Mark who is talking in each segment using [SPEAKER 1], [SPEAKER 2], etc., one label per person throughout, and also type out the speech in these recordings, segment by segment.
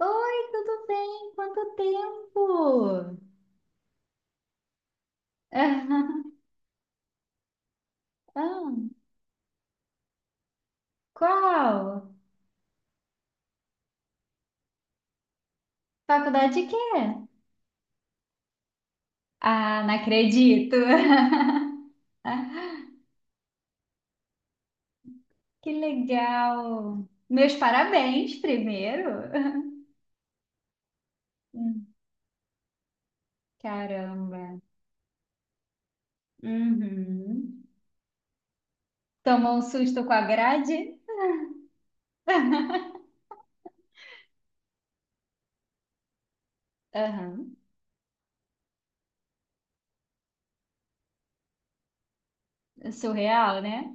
[SPEAKER 1] Oi, tudo bem? Quanto tempo? Ah, qual? Faculdade de quê? Ah, não acredito. Que legal. Meus parabéns primeiro. Hum. Caramba. Uhum. Tomou um susto com a grade? Aham. Surreal, né?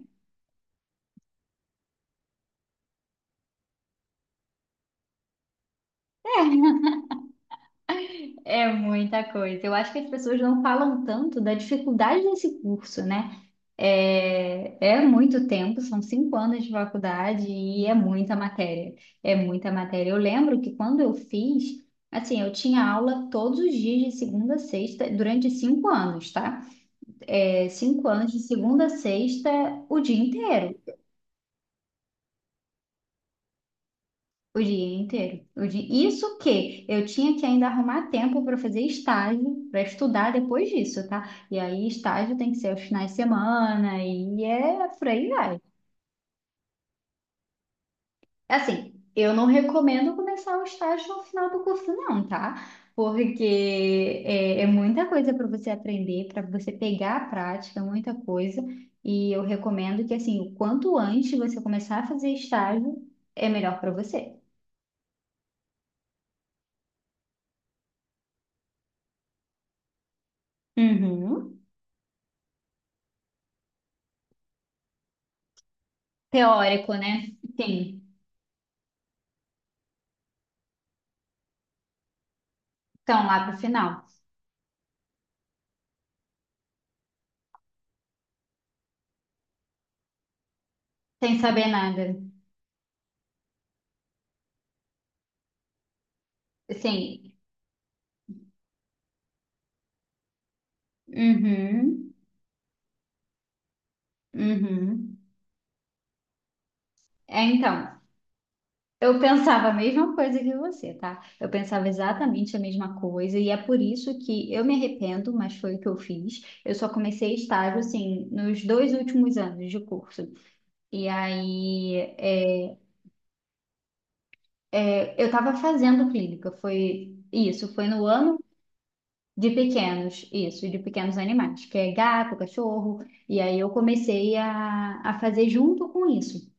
[SPEAKER 1] É muita coisa. Eu acho que as pessoas não falam tanto da dificuldade desse curso, né? É, é muito tempo, são cinco anos de faculdade e é muita matéria. É muita matéria. Eu lembro que quando eu fiz, assim, eu tinha aula todos os dias de segunda a sexta, durante cinco anos, tá? É, cinco anos de segunda a sexta, o dia inteiro. O dia inteiro. Isso que eu tinha que ainda arrumar tempo para fazer estágio, para estudar depois disso, tá? E aí, estágio tem que ser aos finais de semana, e é por aí vai. Assim, eu não recomendo começar o estágio no final do curso, não, tá? Porque é muita coisa para você aprender, para você pegar a prática, muita coisa. E eu recomendo que, assim, o quanto antes você começar a fazer estágio, é melhor para você. Uhum. Teórico, né? Sim. Estão lá pro final, sem saber nada. Assim, uhum, uhum. É, então, eu pensava a mesma coisa que você, tá? Eu pensava exatamente a mesma coisa, e é por isso que eu me arrependo, mas foi o que eu fiz. Eu só comecei estágio, assim, nos dois últimos anos de curso. E aí, eu tava fazendo clínica, foi isso, foi no ano. De pequenos, isso, de pequenos animais, que é gato, cachorro, e aí eu comecei a fazer junto com isso.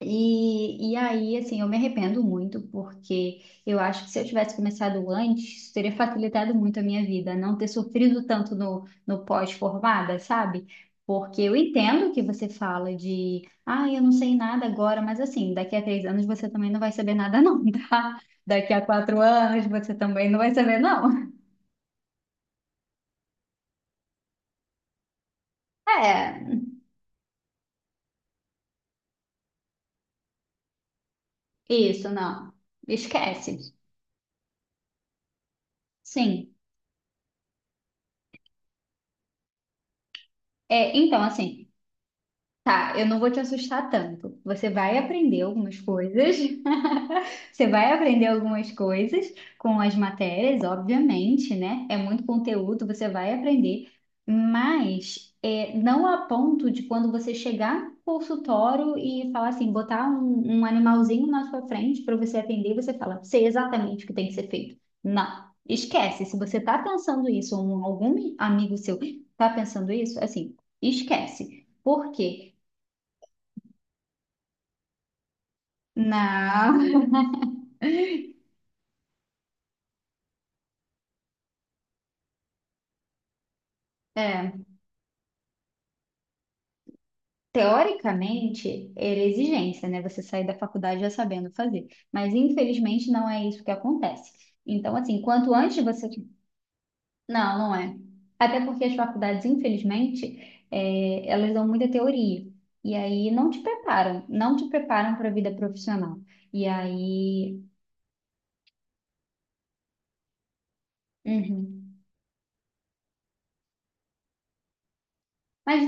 [SPEAKER 1] E aí, assim, eu me arrependo muito, porque eu acho que se eu tivesse começado antes, isso teria facilitado muito a minha vida, não ter sofrido tanto no pós-formada, sabe? Porque eu entendo que você fala de, ah, eu não sei nada agora, mas assim, daqui a três anos você também não vai saber nada, não, tá? Daqui a quatro anos você também não vai saber, não. É, isso, não. Esquece. Sim. É, então, assim, tá, eu não vou te assustar tanto. Você vai aprender algumas coisas. Você vai aprender algumas coisas com as matérias, obviamente, né? É muito conteúdo, você vai aprender, mas é, não a ponto de quando você chegar no consultório e falar assim, botar um animalzinho na sua frente para você atender, você fala, sei exatamente o que tem que ser feito. Não, esquece. Se você tá pensando isso, ou algum amigo seu tá pensando isso, assim, esquece. Por quê? Não, é. Teoricamente, era exigência, né? Você sair da faculdade já sabendo fazer. Mas, infelizmente, não é isso que acontece. Então, assim, quanto antes você. Não, não é. Até porque as faculdades, infelizmente, elas dão muita teoria. E aí não te preparam. Não te preparam para a vida profissional. E aí. Uhum. Mas,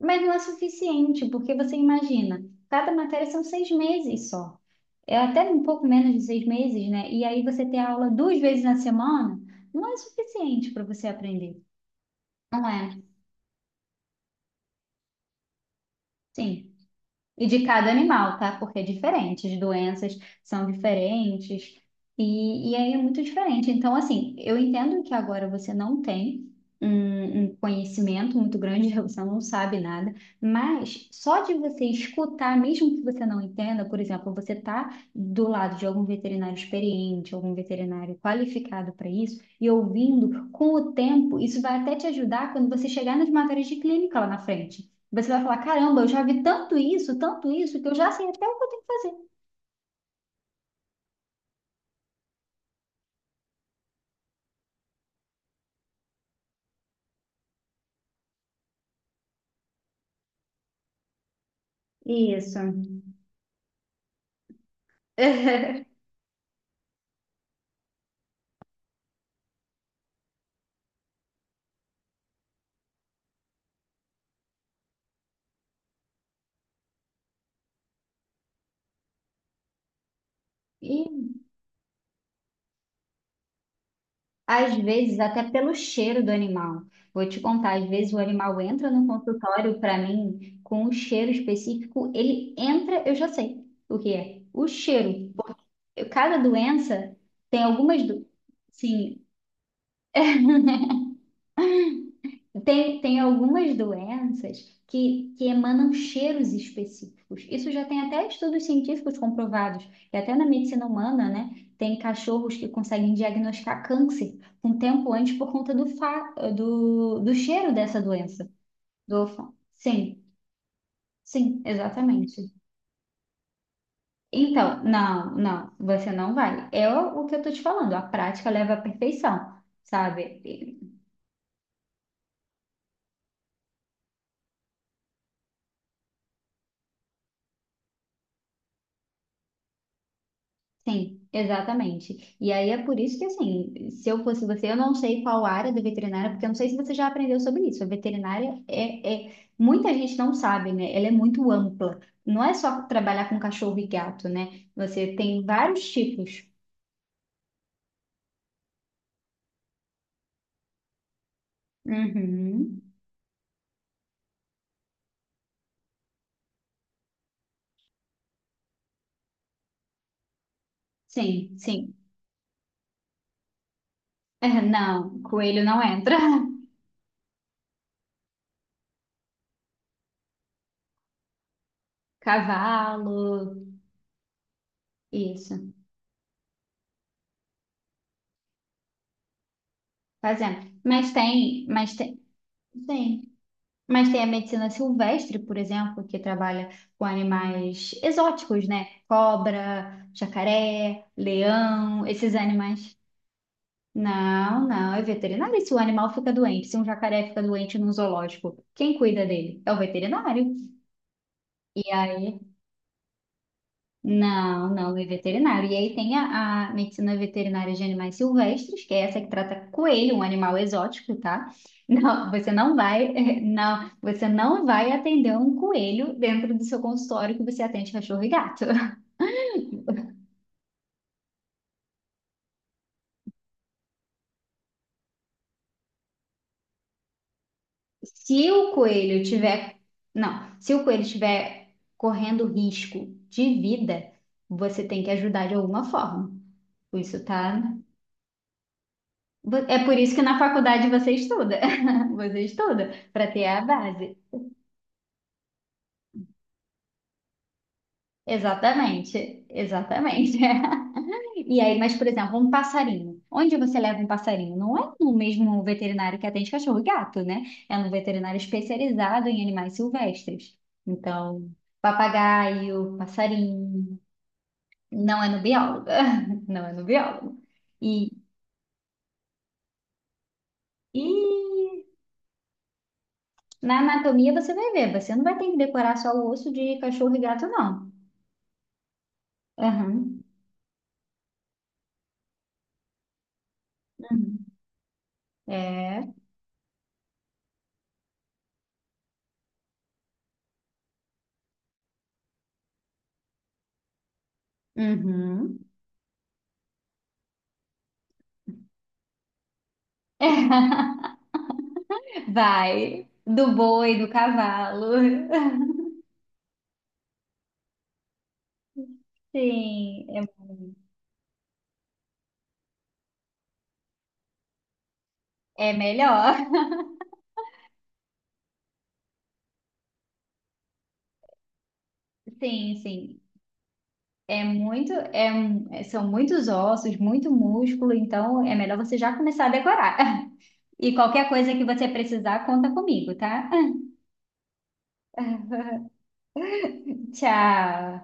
[SPEAKER 1] mas não é suficiente, porque você imagina, cada matéria são seis meses só. É até um pouco menos de seis meses, né? E aí você ter aula duas vezes na semana não é suficiente para você aprender, não é? Sim. E de cada animal, tá? Porque é diferente, as doenças são diferentes, e aí é muito diferente. Então, assim, eu entendo que agora você não tem um conhecimento muito grande, você não sabe nada, mas só de você escutar, mesmo que você não entenda, por exemplo, você tá do lado de algum veterinário experiente, algum veterinário qualificado para isso, e ouvindo, com o tempo, isso vai até te ajudar quando você chegar nas matérias de clínica lá na frente. Você vai falar, caramba, eu já vi tanto isso, que eu já sei até o que eu tenho que fazer. Isso. E às vezes, até pelo cheiro do animal. Vou te contar, às vezes o animal entra no consultório para mim com um cheiro específico, ele entra, eu já sei o que é. O cheiro. Porque cada doença tem algumas. Sim. Tem algumas doenças que emanam cheiros específicos. Isso já tem até estudos científicos comprovados. E até na medicina humana, né? Tem cachorros que conseguem diagnosticar câncer um tempo antes por conta do cheiro dessa doença. Sim, sim, exatamente. Então, não, não, você não vai. É o que eu tô te falando. A prática leva à perfeição, sabe? Sim, exatamente. E aí é por isso que, assim, se eu fosse você, eu não sei qual área do veterinário, porque eu não sei se você já aprendeu sobre isso. A veterinária é. Muita gente não sabe, né? Ela é muito ampla. Não é só trabalhar com cachorro e gato, né? Você tem vários tipos. Uhum. Sim, sim. É, não, coelho não entra. Cavalo, isso. Fazendo. Sim. Mas tem a medicina silvestre, por exemplo, que trabalha com animais exóticos, né? Cobra, jacaré, leão, esses animais. Não, não, é veterinário. E se o animal fica doente, se um jacaré fica doente num zoológico, quem cuida dele? É o veterinário. E aí. Não, não, é veterinário. E aí tem a medicina veterinária de animais silvestres, que é essa que trata coelho, um animal exótico, tá? Não, você não vai, não, você não vai atender um coelho dentro do seu consultório que você atende cachorro e gato. Se o coelho tiver, não, se o coelho tiver correndo risco de vida, você tem que ajudar de alguma forma. Isso tá. É por isso que na faculdade você estuda. Você estuda para ter a base. Exatamente, exatamente. E aí, mas, por exemplo, um passarinho. Onde você leva um passarinho? Não é no mesmo veterinário que atende cachorro e gato, né? É um veterinário especializado em animais silvestres. Então, papagaio, passarinho, não é no biólogo. Não é no biólogo. E, e na anatomia você vai ver, você não vai ter que decorar só o osso de cachorro e gato, não. Aham. Uhum. É. Uhum. Vai, do boi, do cavalo. Sim, é melhor. Sim, sim. É muito, são muitos ossos, muito músculo, então é melhor você já começar a decorar. E qualquer coisa que você precisar, conta comigo, tá? Tchau.